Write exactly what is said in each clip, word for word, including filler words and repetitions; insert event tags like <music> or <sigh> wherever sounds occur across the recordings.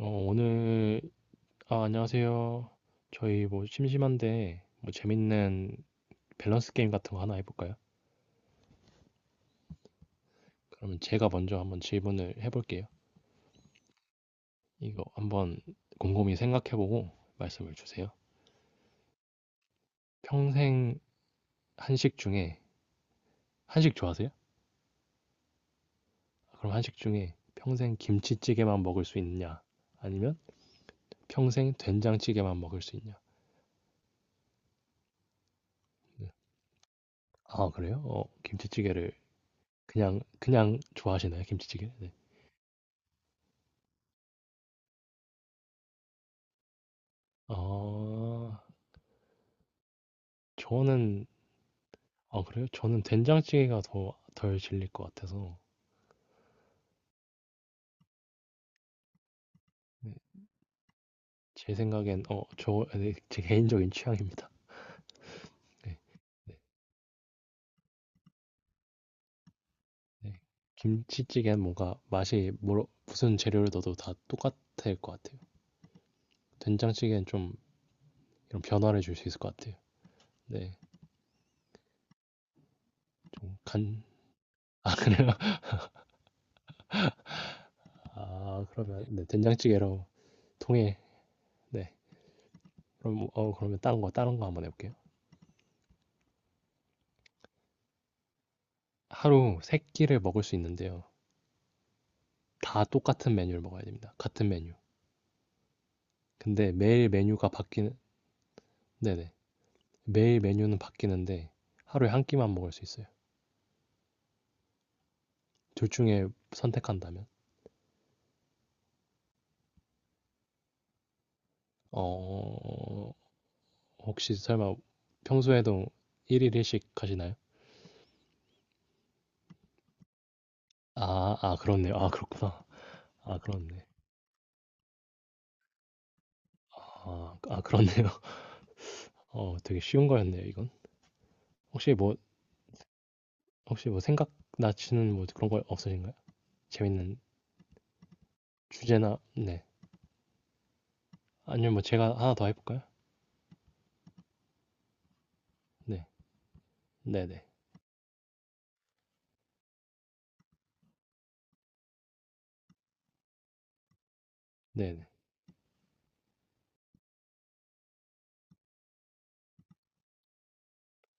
어, 오늘, 아, 안녕하세요. 저희 뭐 심심한데, 뭐 재밌는 밸런스 게임 같은 거 하나 해볼까요? 그러면 제가 먼저 한번 질문을 해볼게요. 이거 한번 곰곰이 생각해보고 말씀을 주세요. 평생 한식 중에, 한식 좋아하세요? 그럼 한식 중에 평생 김치찌개만 먹을 수 있냐? 아니면 평생 된장찌개만 먹을 수 있냐? 네. 아, 그래요? 어, 김치찌개를 그냥, 그냥 좋아하시나요? 김치찌개? 네. 어, 저는 아, 그래요? 저는 된장찌개가 더 덜 질릴 것 같아서. 네. 제 생각엔, 어 저 네, 제 개인적인 취향입니다. 네. 네, 네. 김치찌개는 뭔가 맛이 뭐 무슨 재료를 넣어도 다 똑같을 것 같아요. 된장찌개는 좀 이런 변화를 줄 수 있을 것 같아요. 네. 좀 간 <laughs> 그래요? 아, 그러면, 네, 된장찌개로 통해. 네. 그럼 뭐- 어 그러면 다른 거 다른 거 한번 해 볼게요. 하루 세 끼를 먹을 수 있는데요. 다 똑같은 메뉴를 먹어야 됩니다. 같은 메뉴. 근데 매일 메뉴가 바뀌는, 네네. 매일 메뉴는 바뀌는데 하루에 한 끼만 먹을 수 있어요. 둘 중에 선택한다면? 어, 혹시 설마 평소에도 일일 일식 하시나요? 아, 아, 그렇네요. 아, 그렇구나. 아, 그렇네. 아, 아, 그렇네요. <laughs> 어, 되게 쉬운 거였네요, 이건. 혹시 뭐, 혹시 뭐 생각나시는 뭐 그런 거 없으신가요? 재밌는 주제나, 네. 아니면 뭐 제가 하나 더 해볼까요? 네. 네네. 네네.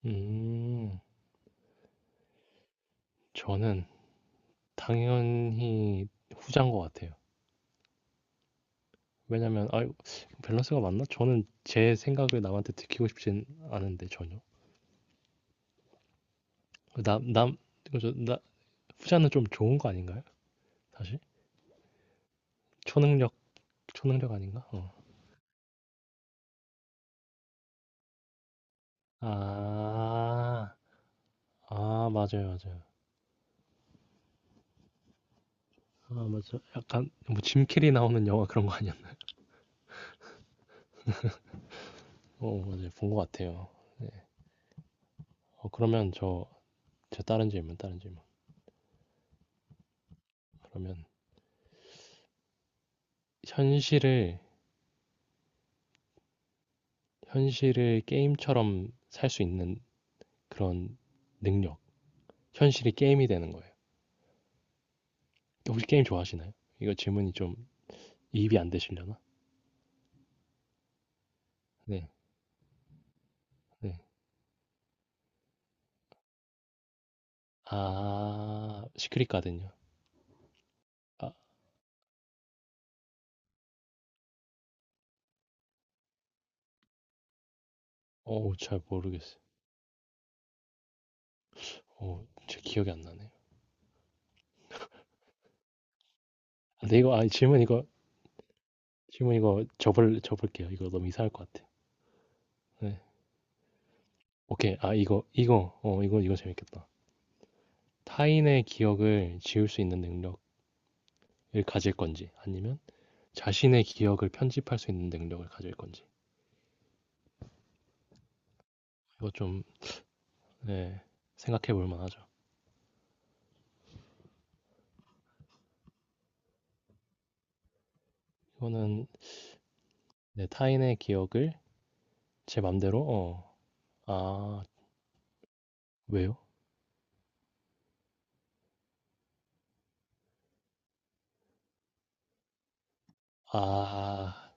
음, 저는 당연히 후자인 것 같아요. 왜냐면 아 밸런스가 맞나? 저는 제 생각을 남한테 들키고 싶진 않은데 전혀. 남남 그죠? 나 후자는 좀 좋은 거 아닌가요? 사실 초능력 초능력 아닌가? 어. 아, 아, 맞아요, 맞아요. 아, 맞아. 약간 뭐 짐캐리 나오는 영화 그런 거 아니었나? 어, 맞아요, 본 것 같아요. 네. 어, 그러면 저 제 다른 질문 다른 질문. 그러면 현실을 현실을 게임처럼 살 수 있는 그런 능력, 현실이 게임이 되는 거예요. 혹시 게임 좋아하시나요? 이거 질문이 좀 이입이 안 되시려나? 네, 네. 아, 시크릿 가든요. 아, 어, 잘 모르겠어요. 어, 제 기억이 안 나네요. 아, 근데 이거, 아, 질문 이거, 질문 이거 접을, 접을게요. 이거 너무 이상할 것 같아요. 네. 오케이. 아, 이거, 이거, 어, 이거, 이거 재밌겠다. 타인의 기억을 지울 수 있는 능력을 가질 건지, 아니면 자신의 기억을 편집할 수 있는 능력을 가질 건지. 이거 좀, 네, 생각해 볼 만하죠. 이거는 내 타인의 기억을 제 맘대로. 어. 아, 왜요? 아,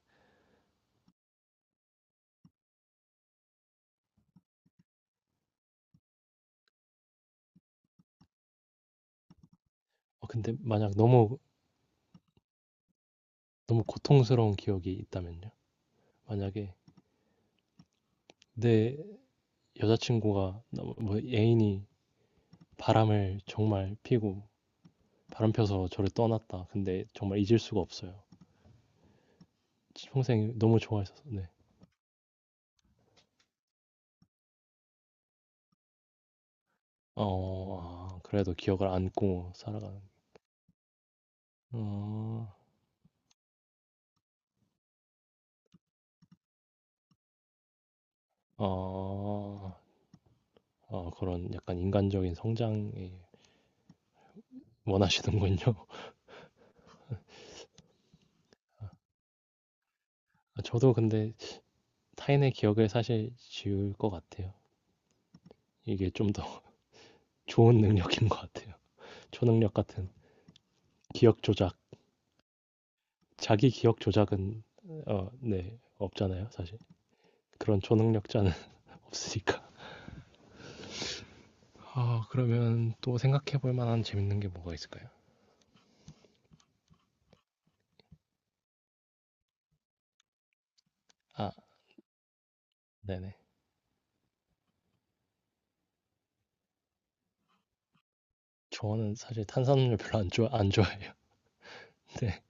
어, 근데 만약 너무 너무 고통스러운 기억이 있다면요? 만약에 내 여자친구가 너무- 뭐 애인이 바람을 정말 피고 바람 펴서 저를 떠났다. 근데 정말 잊을 수가 없어요. 평생 너무 좋아했어서. 네. 어, 아, 그래도 기억을 안고 살아가는. 어, 어, 어, 그런 약간 인간적인 성장이 원하시는군요. 아, 저도 근데 타인의 기억을 사실 지울 것 같아요. 이게 좀 더 <laughs> 좋은 능력인 것 같아요. 초능력 같은 기억 조작. 자기 기억 조작은, 어, 네, 없잖아요, 사실. 그런 초능력자는 <laughs> 없으니까. 아, 그러면 또 생각해 볼 만한 재밌는 게 뭐가 있을까요? 아, 네네. 저는 사실 탄산음료 별로 안 좋아 안 좋아해. <laughs> 네,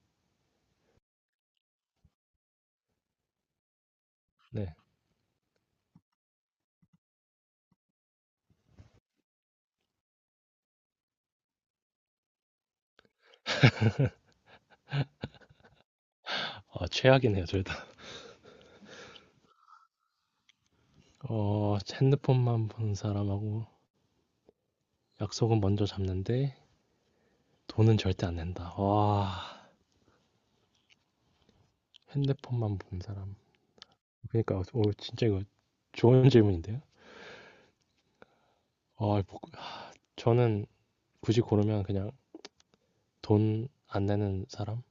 네. 아, 최악이네요, 둘 다. 어, 핸드폰만 보는 사람하고 약속은 먼저 잡는데 돈은 절대 안 낸다. 와. 핸드폰만 본 사람. 그러니까 오, 진짜 이거 좋은 질문인데요. 어, 뭐, 저는 굳이 고르면 그냥 돈 안 내는 사람.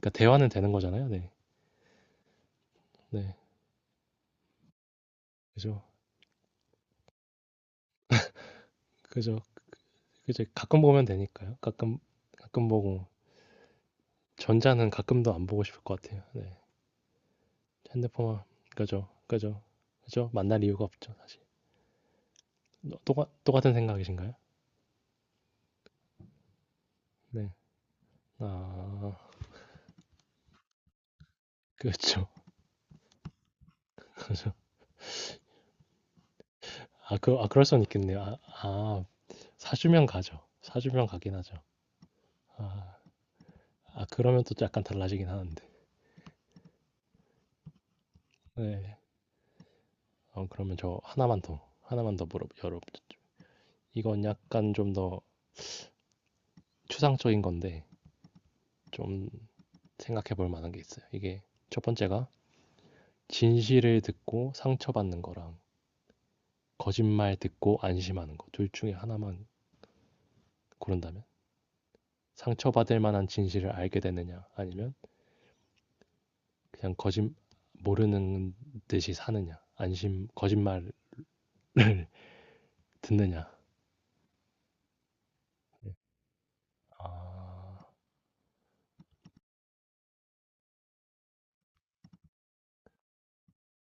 그러니까 대화는 되는 거잖아요. 네, 네, 그죠, 그죠. 이제 가끔 보면 되니까요. 가끔 가끔 보고, 전자는 가끔도 안 보고 싶을 것 같아요. 네, 핸드폰만. 그죠, 그죠, 그죠. 만날 이유가 없죠, 사실. 너- 똑같 똑같은 생각이신가요? 네. 아, 그렇죠. <laughs> 그죠. 아, 그, 아, 그럴 수는 있겠네요. 아, 아, 사주면 가죠. 사주면 가긴 하죠. 아, 아, 그러면 또 약간 달라지긴 하는데. 네. 어, 그러면 저 하나만 더, 하나만 더 물어, 여러분. 이건 약간 좀 더 추상적인 건데, 좀 생각해 볼 만한 게 있어요. 이게 첫 번째가 진실을 듣고 상처받는 거랑 거짓말 듣고 안심하는 거. 둘 중에 하나만 고른다면? 상처받을 만한 진실을 알게 되느냐, 아니면 그냥 거짓, 모르는 듯이 사느냐, 안심, 거짓말을 <laughs> 듣느냐. 아.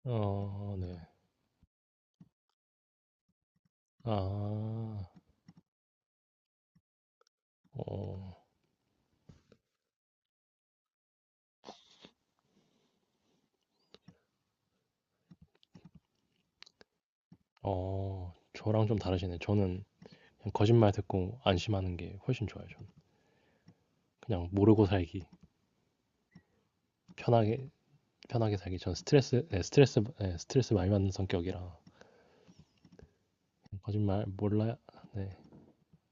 어, 네. 아. 어. 어. 저랑 좀 다르시네. 저는 그냥 거짓말 듣고 안심하는 게 훨씬 좋아요, 저는. 그냥 모르고 살기. 편하게 편하게 살기. 저는 스트레스, 네, 스트레스, 네, 스트레스 많이 받는 성격이라. 거짓말 몰라. 네.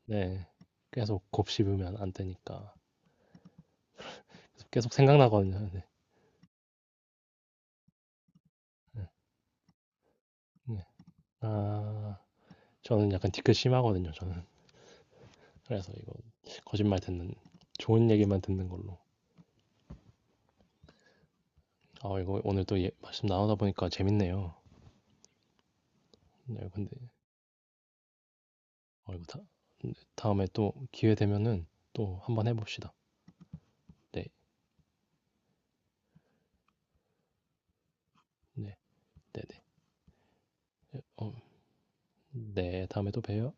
네. 계속 곱씹으면 안 되니까. 그래서 계속 생각나거든요. 네. 네. 네. 아. 저는 약간 뒤끝 심하거든요, 저는. 그래서 이거 거짓말 듣는 좋은 얘기만 듣는 걸로. 아, 이거 오늘 또 예- 말씀 나누다 보니까 재밌네요. 네, 근데 어, 이거 다, 네, 다음에 또 기회 되면은 또 한번 해봅시다. 네, 네, 네, 네. 어, 네, 다음에 또 봬요.